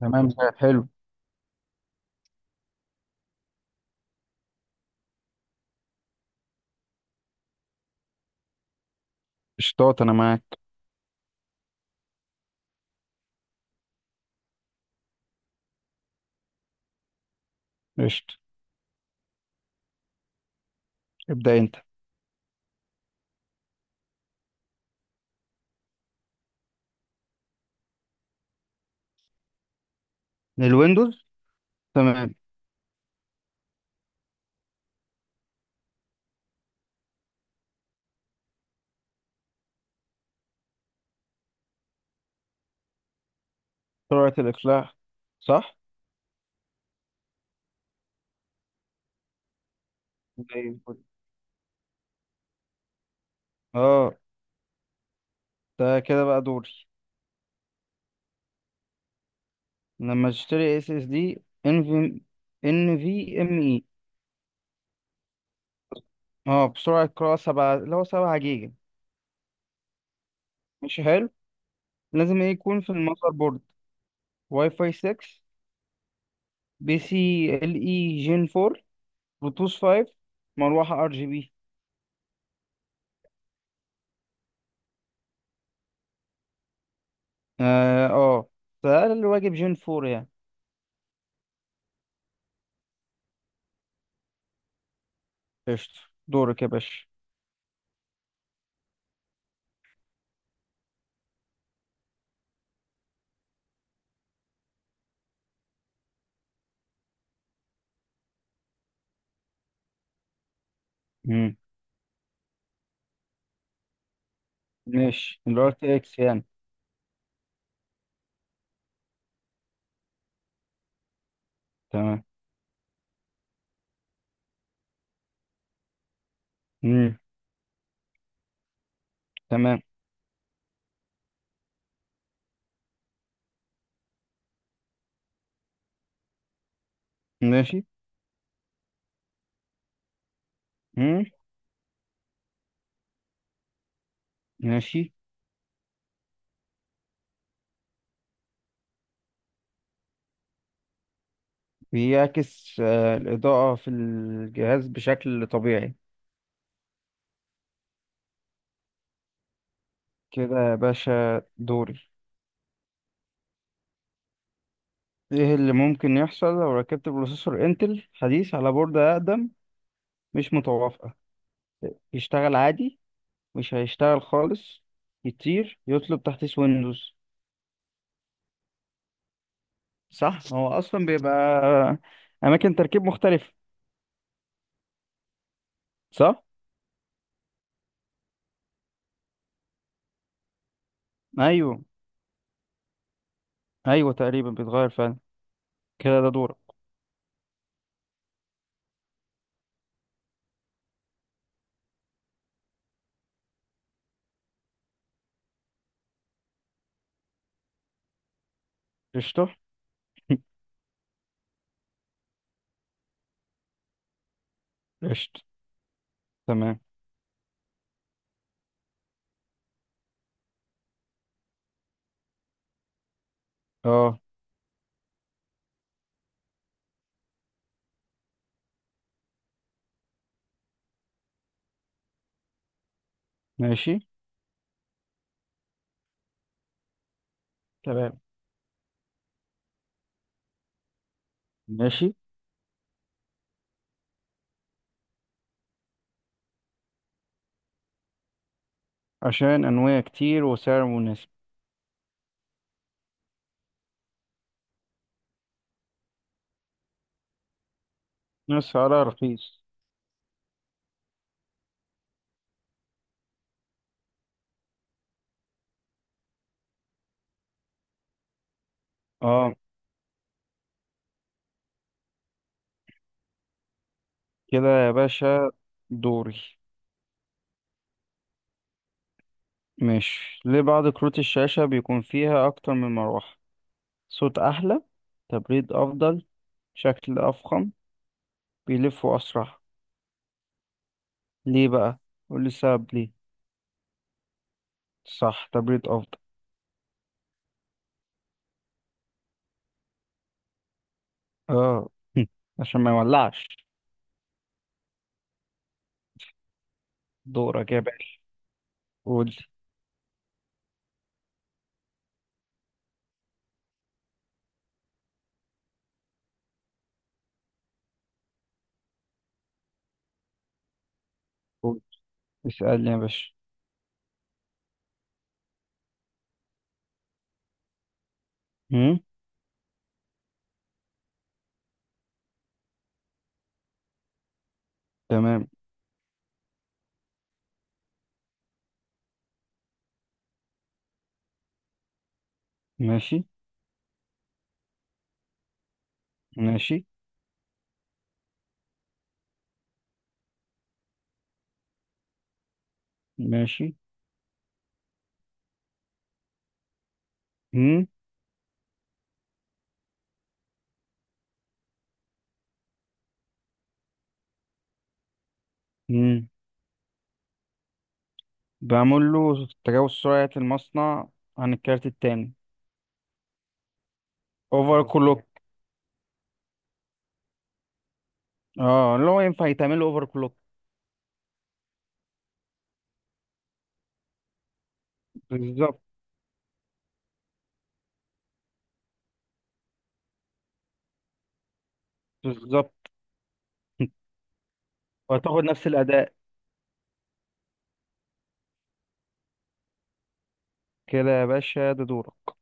تمام، زي حلو. قشطات، انا معاك. قشط، ابدأ انت. الويندوز. تمام. سرعة الإقلاع. صح. زي الفل. اه ده كده بقى دوري. لما اشتري اس اس دي ان في، ام اي. اه بسرعة قراءة سبعة اللي هو سبعة جيجا. مش حلو، لازم ايه يكون في المذر بورد؟ واي فاي 6، بي سي ال اي جين 4، بلوتوث 5، مروحة ار جي بي. اه، ده أقل واجب جين 4 يعني. قشطة، دورك يا باشا. مم. ماشي، الار تي اكس يعني. تمام. مم. تمام. ماشي. مم. ماشي. بيعكس آه، الإضاءة في الجهاز بشكل طبيعي. كده يا باشا دوري. ايه اللي ممكن يحصل لو ركبت بروسيسور انتل حديث على بوردة أقدم مش متوافقة؟ يشتغل عادي، مش هيشتغل خالص، يطير يطلب تحديث ويندوز. صح، هو أصلا بيبقى أماكن تركيب مختلفة، صح؟ أيوه، أيوه تقريبا بيتغير فعلا. كده ده دورك. قشطة. قشطة. تمام. اه. ماشي. تمام. ماشي. عشان أنواع كتير وسعر مناسب. سعرها رخيص. اه. كده يا باشا دوري. ماشي، ليه بعض كروت الشاشة بيكون فيها أكتر من مروحة؟ صوت أحلى، تبريد أفضل، شكل أفخم، بيلفوا أسرع. ليه بقى؟ قولي سبب ليه. صح، تبريد أفضل. اه. عشان ما يولعش. دورك يا باشا، قول. قول، اسألني يا باشا. هم؟ تمام. ماشي. ماشي. ماشي. مم. مم. بعمل له تجاوز سرعة المصنع عن الكارت التاني. اوفر كلوك. اه، اللي هو ينفع يتعمل له اوفر كلوك. بالظبط. بالظبط. وهتاخد نفس الأداء. كده يا باشا ده دورك.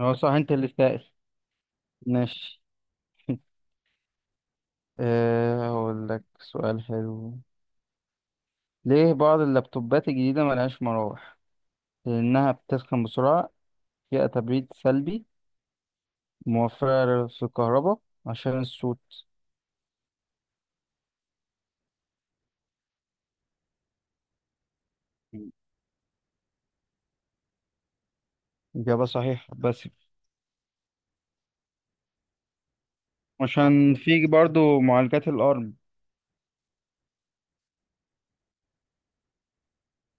هو صح انت اللي سائل. ماشي. أه هقول لك سؤال حلو. ليه بعض اللابتوبات الجديدة ملهاش مراوح؟ لأنها بتسخن بسرعة، فيها تبريد سلبي، موفرة في الكهرباء، عشان الصوت. إجابة صحيحة بس. عشان في برضو معالجات الأرم.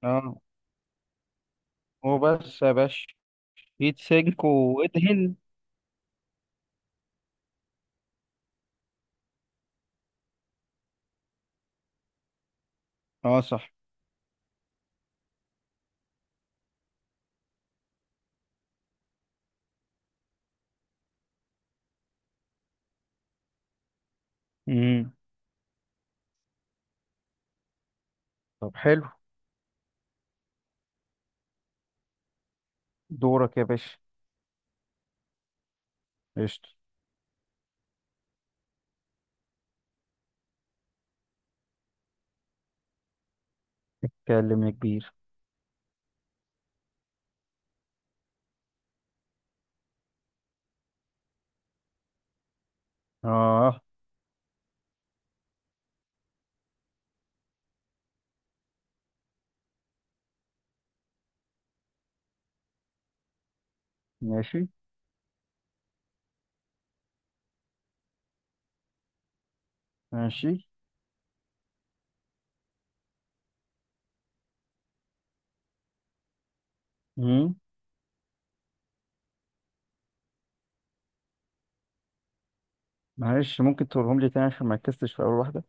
اه. هو بس يا باشا هيت سينك وادهن. اه صح. مم. طب حلو. دورك يا باشا. قشطة. اتكلم يا كبير. اه. ماشي. ماشي. مم. معلش ممكن تقولهم لي تاني عشان ما ركزتش في أول واحدة.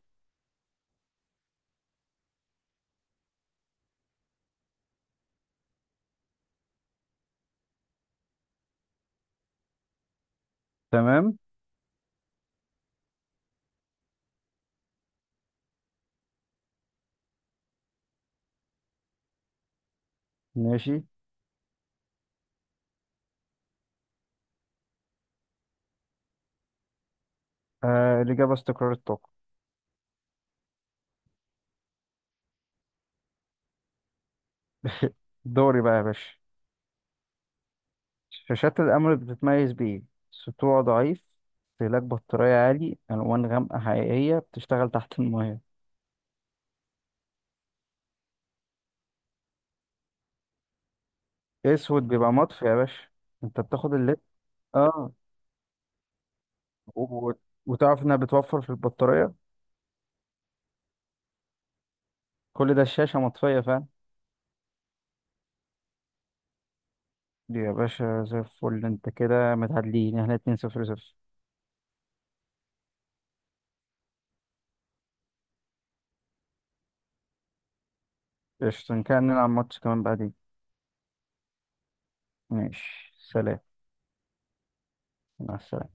تمام. ماشي. آه الإجابة استقرار الطاقة. دوري بقى يا باشا. شاشات الأمر بتتميز بإيه؟ سطوع ضعيف، استهلاك بطارية عالي، ألوان غامقة حقيقية، بتشتغل تحت الماية. أسود بيبقى مطفي يا باشا. أنت بتاخد الليد، آه، و... وتعرف إنها بتوفر في البطارية. كل ده الشاشة مطفية، فاهم. دي يا باشا زي الفل. أنت كده متعادلين، إحنا اتنين صفر صفر. قشطة، إن كان نلعب ماتش كمان بعدين. ماشي، سلام. مع السلامة.